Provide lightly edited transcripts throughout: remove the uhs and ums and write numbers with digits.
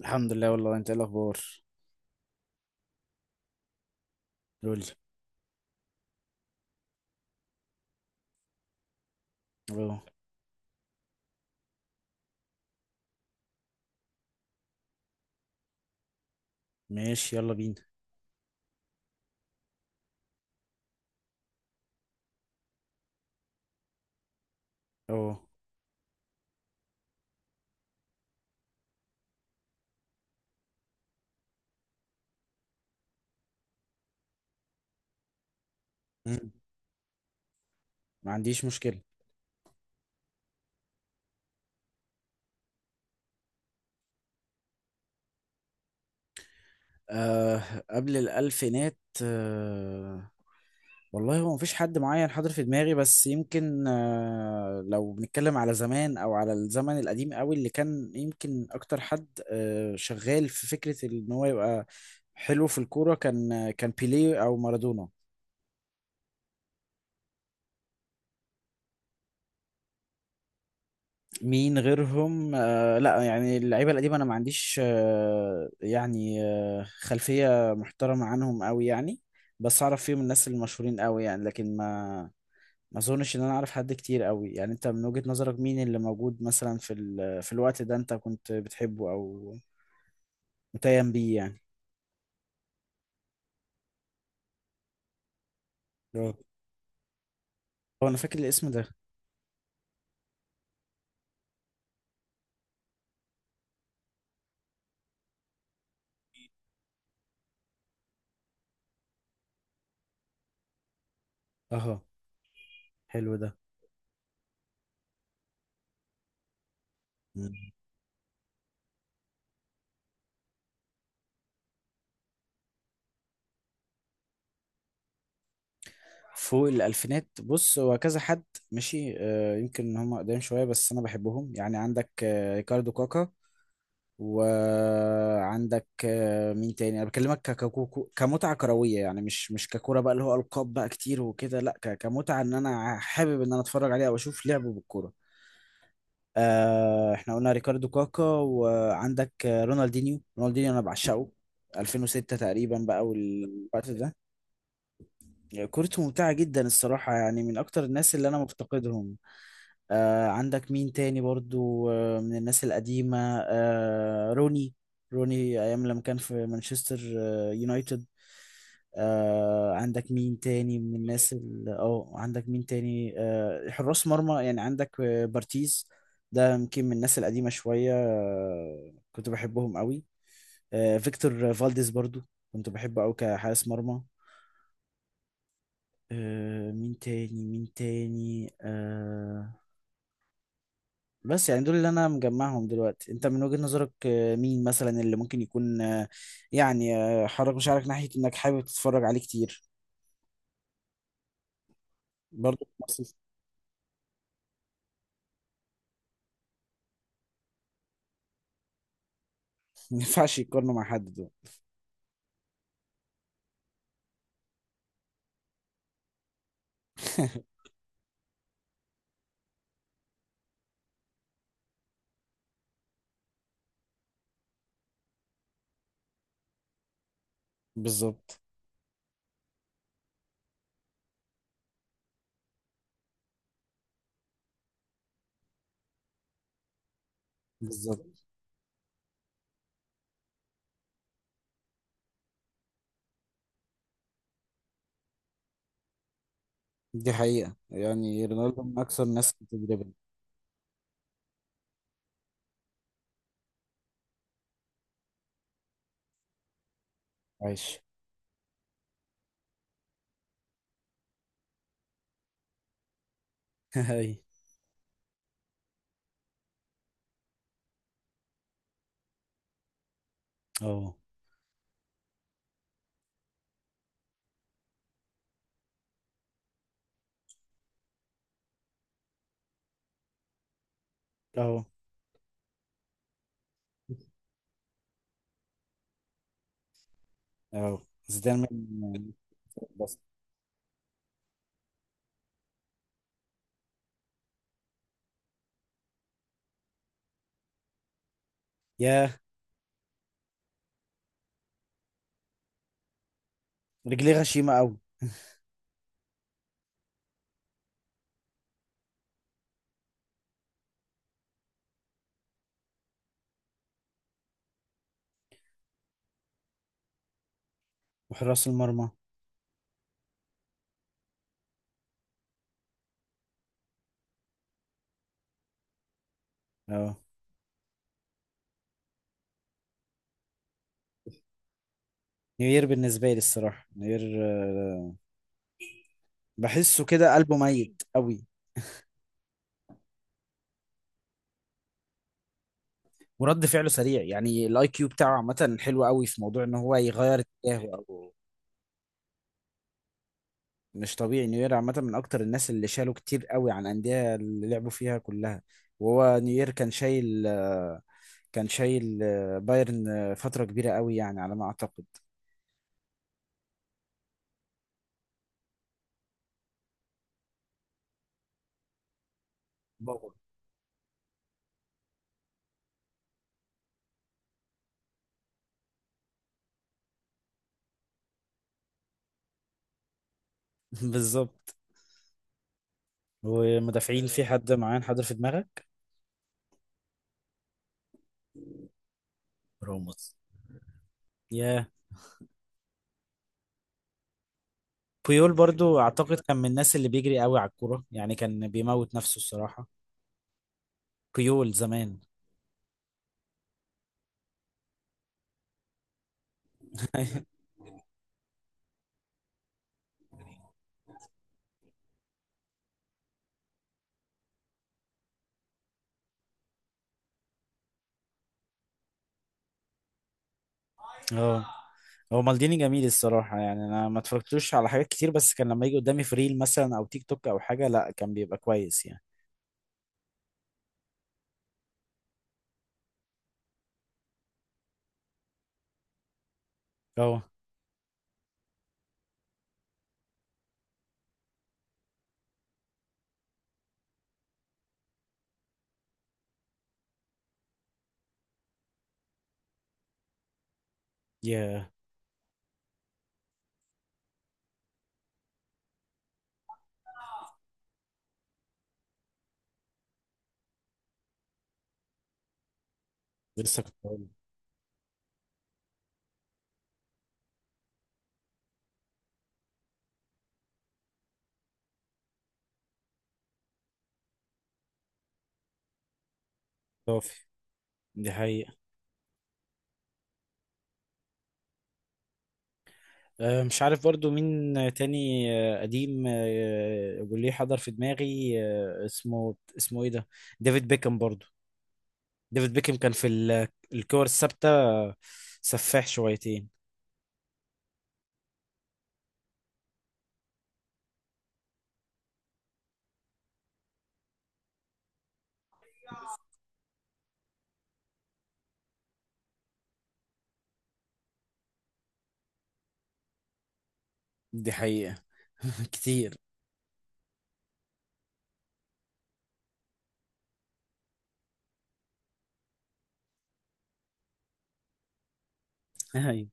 الحمد لله. والله انت ايه الاخبار؟ قول لي. اه، ماشي يلا بينا. اه، مم. ما عنديش مشكله. أه، قبل الالفينات. أه، والله هو مفيش حد معين حاضر في دماغي، بس يمكن لو بنتكلم على زمان او على الزمن القديم قوي، اللي كان يمكن اكتر حد شغال في فكره ان هو يبقى حلو في الكوره كان بيليه او مارادونا. مين غيرهم؟ لا، يعني اللعيبه القديمه انا ما عنديش خلفيه محترمه عنهم قوي يعني، بس اعرف فيهم الناس المشهورين قوي، يعني لكن ما اظنش ان انا اعرف حد كتير قوي. يعني انت من وجهة نظرك مين اللي موجود مثلا في الوقت ده انت كنت بتحبه او متيم بيه يعني؟ اه، هو انا فاكر الاسم ده. اهو، حلو ده. مم. فوق الالفينات؟ بص هو كذا حد. ماشي، يمكن ان هم قدام شويه بس انا بحبهم. يعني عندك ريكاردو كاكا، وعندك مين تاني؟ انا بكلمك كمتعه كرويه يعني، مش ككوره بقى اللي هو القاب بقى كتير وكده، لا، كمتعه ان انا حابب ان انا اتفرج عليه او اشوف لعبه بالكوره. احنا قلنا ريكاردو كاكا، وعندك رونالدينيو، انا بعشقه. 2006 تقريبا بقى والوقت ده. يعني كورته ممتعه جدا الصراحه، يعني من اكتر الناس اللي انا مفتقدهم. عندك مين تاني برضو؟ من الناس القديمة، روني، أيام لما كان في مانشستر يونايتد. عندك مين تاني من الناس ال- اه عندك مين تاني؟ حراس مرمى يعني، عندك بارتيز، ده يمكن من الناس القديمة شوية كنت بحبهم قوي. فيكتور فالديز برضو، كنت بحبه قوي كحارس مرمى. مين تاني بس، يعني دول اللي انا مجمعهم دلوقتي. انت من وجهة نظرك مين مثلا اللي ممكن يكون يعني حرك مشاعرك ناحية انك حابب تتفرج عليه كتير، برضه في مصر؟ ما ينفعش يقارنوا مع حد دول. بالظبط. بالظبط، دي حقيقة يعني، رونالدو من اكثر الناس بتدريبل. عايش. هاي. اهو. اهو. اهو، زيدان من... بس. يا، رجليه غشيمة قوي. وحراس المرمى. اهو، نوير بالنسبة لي الصراحة. نوير بحسه كده قلبه ميت قوي، ورد فعله سريع. يعني الاي كيو بتاعه عامه حلو قوي في موضوع ان هو يغير اتجاهه او، مش طبيعي نوير عامه. من اكتر الناس اللي شالوا كتير قوي عن انديه اللي لعبوا فيها كلها. وهو نوير كان شايل بايرن فتره كبيره قوي، يعني على ما اعتقد. بابا. بالظبط. ومدافعين، في حد معين حاضر في دماغك؟ راموس. ياه. بويول برضو اعتقد كان من الناس اللي بيجري قوي على الكوره، يعني كان بيموت نفسه الصراحه. خيول زمان. اه، هو مالديني جميل الصراحة يعني. أنا ما اتفرجتلوش على حاجات كتير، بس كان لما يجي قدامي في ريل مثلا أو تيك توك أو حاجة، لأ كان بيبقى كويس يعني. اه، يا، لسه كنت بقول. طافي، دي حقيقة. مش عارف برضو مين تاني. قديم وليه حضر في دماغي. اسمه ايه ده؟ ديفيد بيكم برضو. ديفيد بيكم كان في الكور الثابتة، سفاح شويتين. دي حقيقة. كتير.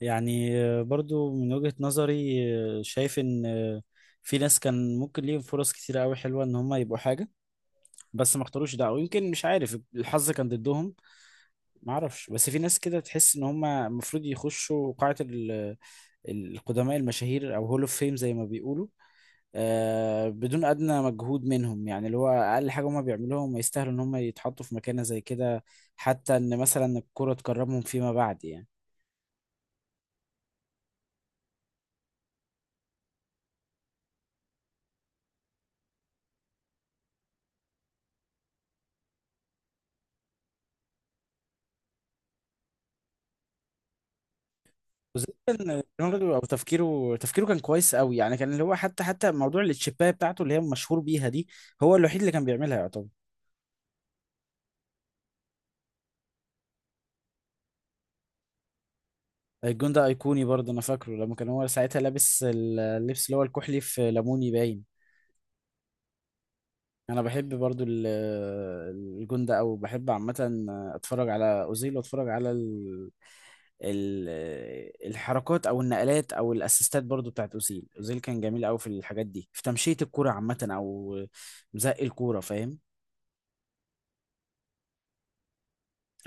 يعني برضو من وجهة نظري شايف ان في ناس كان ممكن ليهم فرص كتير قوي حلوة ان هم يبقوا حاجة، بس ما اختاروش ده، او يمكن مش عارف، الحظ كان ضدهم. ما اعرفش، بس في ناس كده تحس ان هم المفروض يخشوا القدماء المشاهير، او هول اوف فيم زي ما بيقولوا، بدون ادنى مجهود منهم. يعني اللي هو اقل حاجه هم بيعملوها هم يستاهلوا ان هم يتحطوا في مكانه زي كده، حتى ان مثلا الكره تكرمهم فيما بعد يعني. وزي كان دماغه او تفكيره كان كويس قوي، يعني كان اللي هو حتى موضوع التشيبايه بتاعته اللي هي مشهور بيها دي، هو الوحيد اللي كان بيعملها يعتبر. الجون ده ايقوني برضه. انا فاكره لما كان هو ساعتها لابس اللبس اللي هو الكحلي في ليموني باين. انا بحب برضه الجون ده، او بحب عامه اتفرج على اوزيل، واتفرج على ال... الحركات او النقلات او الاسيستات برضه بتاعت اوزيل. اوزيل كان جميل قوي في الحاجات دي، في تمشيه الكوره عامه او مزق الكوره، فاهم؟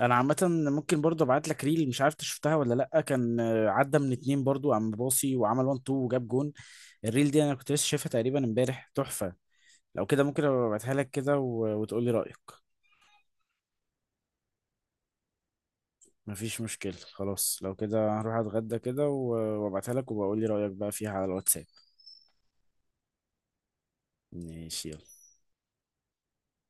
انا عامه ممكن برضو ابعت لك ريل، مش عارف إنت شفتها ولا لا. كان عدى من اتنين برضو، قام باصي وعمل 1 2 وجاب جون. الريل دي انا كنت لسه شايفها تقريبا امبارح، تحفه. لو كده ممكن أبقى ابعتها لك كده وتقول لي رايك. مفيش مشكله، خلاص. لو كده هروح اتغدى كده وابعتها لك، وبقول لي رايك بقى فيها على الواتساب. ماشي، يلا.